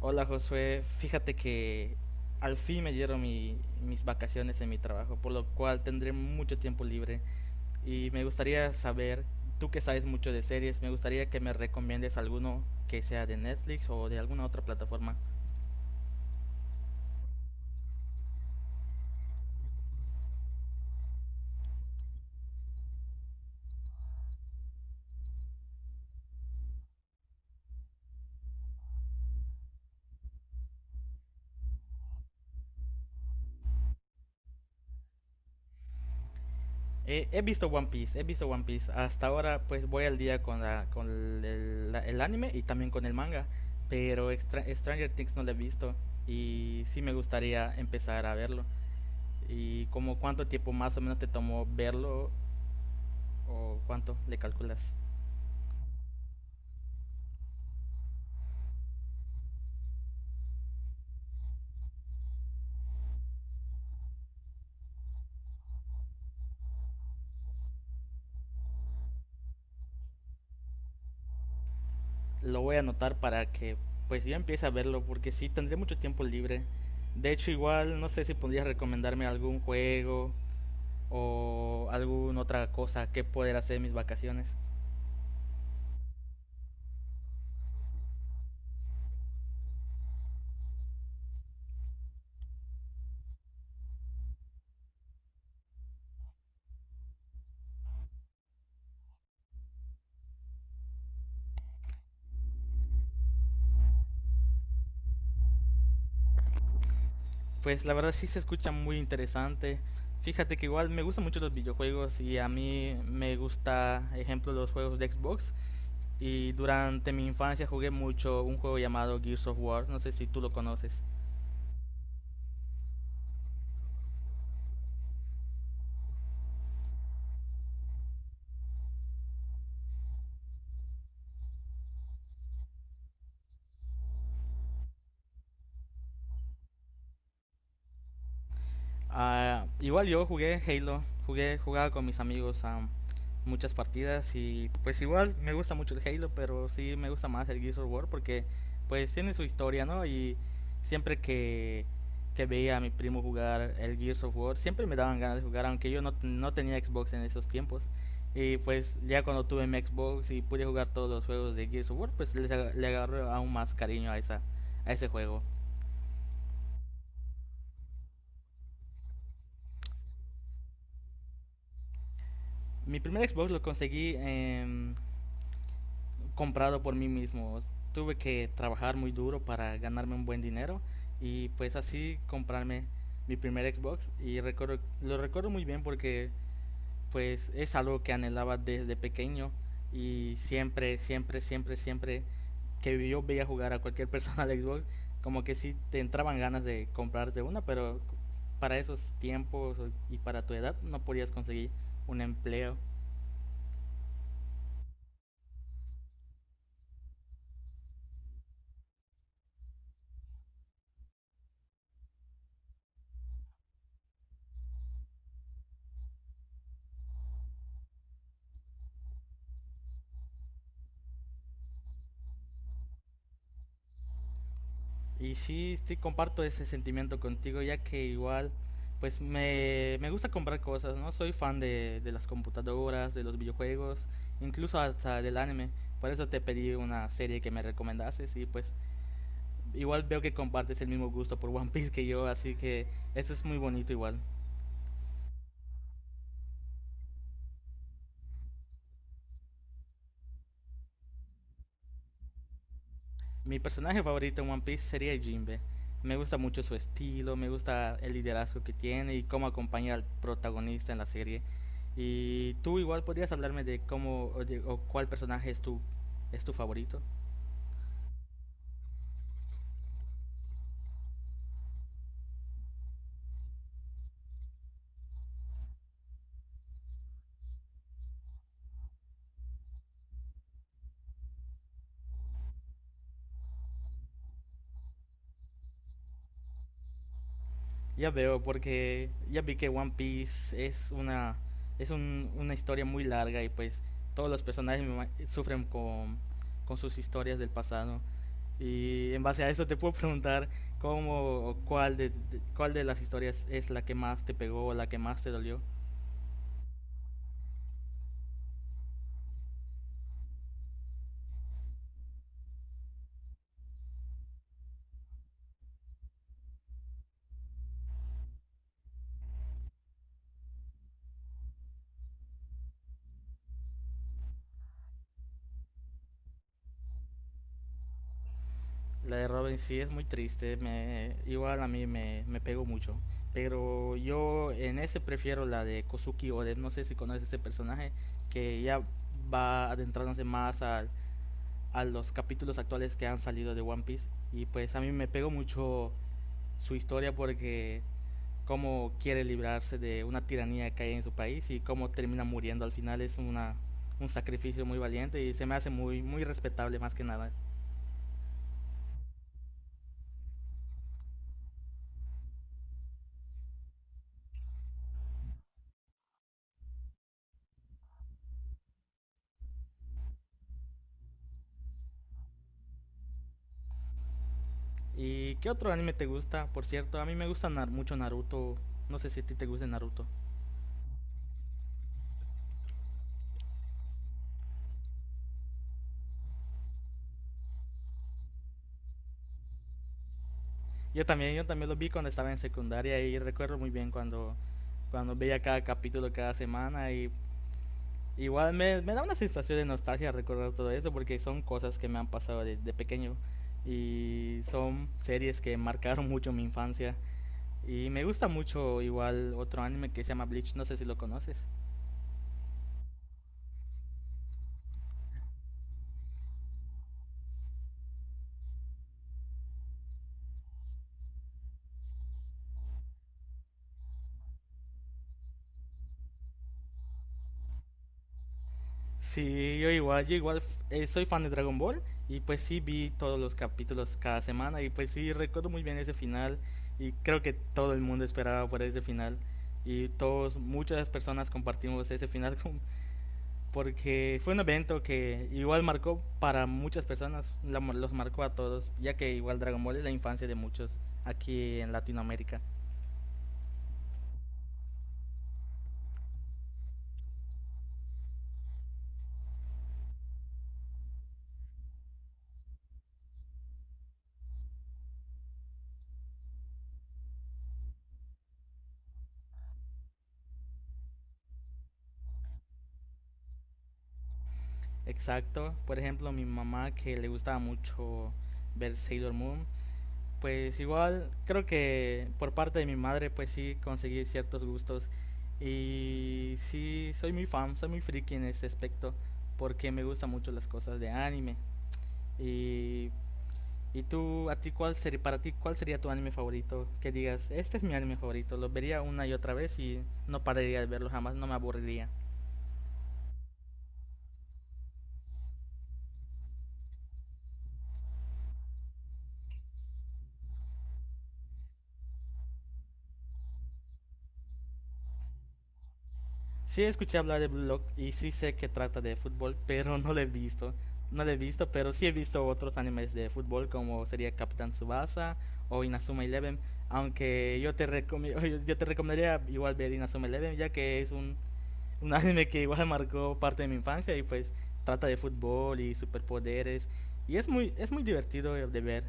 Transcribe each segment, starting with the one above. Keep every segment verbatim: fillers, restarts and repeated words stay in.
Hola Josué, fíjate que al fin me dieron mi- mis vacaciones en mi trabajo, por lo cual tendré mucho tiempo libre y me gustaría saber, tú que sabes mucho de series, me gustaría que me recomiendes alguno que sea de Netflix o de alguna otra plataforma. Eh, he visto One Piece, he visto One Piece, hasta ahora pues voy al día con, la- con el, la- el anime y también con el manga, pero Extra- Stranger Things no lo he visto y sí me gustaría empezar a verlo. ¿Y como cuánto tiempo más o menos te tomó verlo o cuánto le calculas? Lo voy a anotar para que pues yo empiece a verlo porque sí tendré mucho tiempo libre. De hecho igual no sé si podrías recomendarme algún juego o alguna otra cosa que poder hacer en mis vacaciones. Pues la verdad sí se escucha muy interesante. Fíjate que igual me gustan mucho los videojuegos y a mí me gusta, ejemplo, los juegos de Xbox. Y durante mi infancia jugué mucho un juego llamado Gears of War, no sé si tú lo conoces. Ah, igual yo jugué Halo, jugué, jugaba con mis amigos a muchas partidas y pues igual me gusta mucho el Halo, pero sí me gusta más el Gears of War porque pues tiene su historia, ¿no? Y siempre que, que veía a mi primo jugar el Gears of War, siempre me daban ganas de jugar, aunque yo no, no tenía Xbox en esos tiempos. Y pues ya cuando tuve mi Xbox y pude jugar todos los juegos de Gears of War, pues les aga- le agarré aún más cariño a, esa, a ese juego. Mi primer Xbox lo conseguí en comprado por mí mismo. Tuve que trabajar muy duro para ganarme un buen dinero y pues así comprarme mi primer Xbox y recuerdo, lo recuerdo muy bien porque pues es algo que anhelaba desde pequeño y siempre, siempre, siempre, siempre que yo veía jugar a cualquier persona al Xbox, como que sí te entraban ganas de comprarte una, pero para esos tiempos y para tu edad no podías conseguir un empleo. Y sí, sí, comparto ese sentimiento contigo, ya que igual, pues me, me gusta comprar cosas, ¿no? Soy fan de, de las computadoras, de los videojuegos, incluso hasta del anime. Por eso te pedí una serie que me recomendases y pues igual veo que compartes el mismo gusto por One Piece que yo, así que esto es muy bonito igual. Mi personaje favorito en One Piece sería Jinbe. Me gusta mucho su estilo, me gusta el liderazgo que tiene y cómo acompaña al protagonista en la serie. Y tú igual podrías hablarme de cómo o, de- o cuál personaje es tu, es tu favorito. Ya veo, porque ya vi que One Piece es una, es un- una historia muy larga y pues todos los personajes me ima- sufren con, con sus historias del pasado. Y en base a eso te puedo preguntar cómo o cuál de, de- cuál de las historias es la que más te pegó, o la que más te dolió. La de Robin sí es muy triste, me, igual a mí me, me pegó mucho. Pero yo en ese prefiero la de Kozuki Oren, no sé si conoces ese personaje que ya va adentrándose más al, a los capítulos actuales que han salido de One Piece. Y pues a mí me pegó mucho su historia porque cómo quiere librarse de una tiranía que hay en su país y cómo termina muriendo al final es una, un sacrificio muy valiente y se me hace muy, muy respetable más que nada. ¿Y qué otro anime te gusta? Por cierto, a mí me gusta nar- mucho Naruto. No sé si a ti te gusta Naruto. Yo también, yo también lo vi cuando estaba en secundaria y recuerdo muy bien cuando, cuando veía cada capítulo cada semana. Y igual me, me da una sensación de nostalgia recordar todo esto porque son cosas que me han pasado de, de pequeño y son series que marcaron mucho mi infancia. Y me gusta mucho igual otro anime que se llama Bleach, no sé si lo conoces. Sí, yo igual, yo igual eh, soy fan de Dragon Ball y pues sí vi todos los capítulos cada semana y pues sí recuerdo muy bien ese final y creo que todo el mundo esperaba por ese final y todos, muchas personas compartimos ese final con porque fue un evento que igual marcó para muchas personas, la- los marcó a todos, ya que igual Dragon Ball es la infancia de muchos aquí en Latinoamérica. Exacto, por ejemplo, mi mamá que le gustaba mucho ver Sailor Moon, pues igual creo que por parte de mi madre pues sí conseguí ciertos gustos y sí soy muy fan, soy muy friki en ese aspecto porque me gustan mucho las cosas de anime. Y ¿Y tú, a ti cuál sería, para ti, cuál sería tu anime favorito? Que digas, este es mi anime favorito, lo vería una y otra vez y no pararía de verlo jamás, no me aburriría. Sí escuché hablar de Blue Lock y sí sé que trata de fútbol, pero no lo he visto. No lo he visto, pero sí he visto otros animes de fútbol como sería Capitán Tsubasa o Inazuma Eleven, aunque yo te, recom- yo te recomendaría igual ver Inazuma Eleven ya que es un un anime que igual marcó parte de mi infancia y pues trata de fútbol y superpoderes y es muy es muy divertido de ver.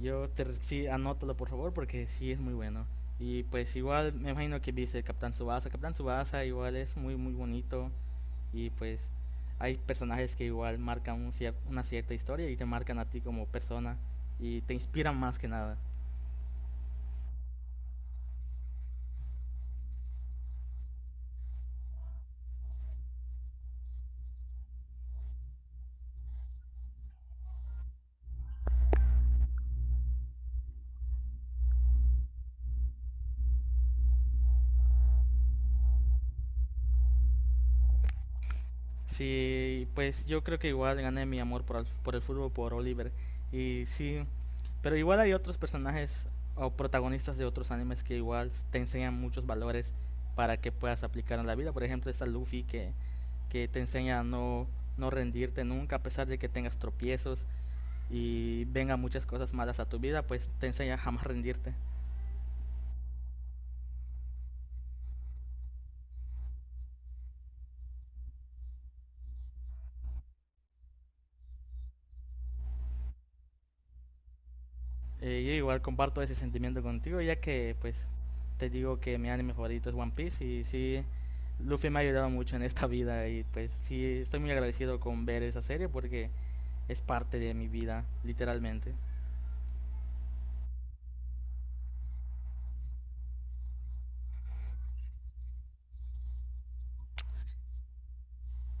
Yo te sí anótalo por favor porque sí es muy bueno. Y pues igual me imagino que viste Capitán Subasa, Capitán Subasa igual es muy muy bonito y pues hay personajes que igual marcan un cier- una cierta historia y te marcan a ti como persona y te inspiran más que nada. Sí, pues yo creo que igual gané mi amor por el, por el fútbol por Oliver. Y sí, pero igual hay otros personajes o protagonistas de otros animes que igual te enseñan muchos valores para que puedas aplicar en la vida. Por ejemplo, está Luffy que, que te enseña a no, no rendirte nunca a pesar de que tengas tropiezos y vengan muchas cosas malas a tu vida, pues te enseña a jamás rendirte. Eh, yo igual comparto ese sentimiento contigo, ya que pues te digo que mi anime favorito es One Piece y sí, Luffy me ha ayudado mucho en esta vida y pues sí, estoy muy agradecido con ver esa serie porque es parte de mi vida, literalmente.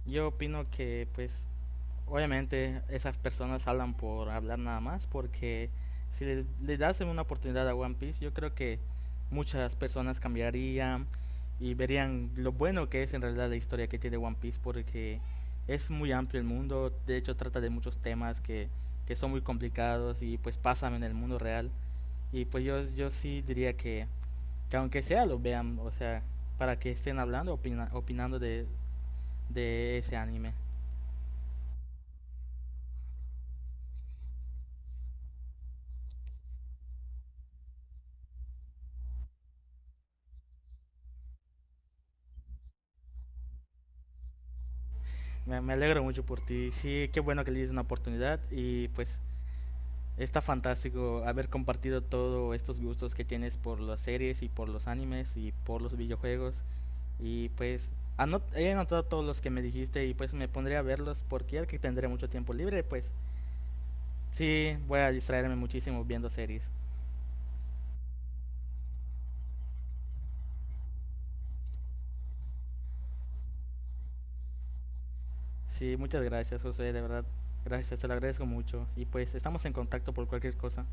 Yo opino que pues obviamente esas personas hablan por hablar nada más porque si le, le das una oportunidad a One Piece, yo creo que muchas personas cambiarían y verían lo bueno que es en realidad la historia que tiene One Piece porque es muy amplio el mundo, de hecho trata de muchos temas que, que son muy complicados y pues pasan en el mundo real y pues yo, yo sí diría que, que aunque sea lo vean, o sea, para que estén hablando, opina- opinando de, de ese anime. Me, me alegro mucho por ti. Sí, qué bueno que le diste una oportunidad y pues está fantástico haber compartido todos estos gustos que tienes por las series y por los animes y por los videojuegos. Y pues anot he anotado todos los que me dijiste y pues me pondré a verlos porque ya que tendré mucho tiempo libre, pues sí, voy a distraerme muchísimo viendo series. Sí, muchas gracias José, de verdad. Gracias, te lo agradezco mucho. Y pues estamos en contacto por cualquier cosa.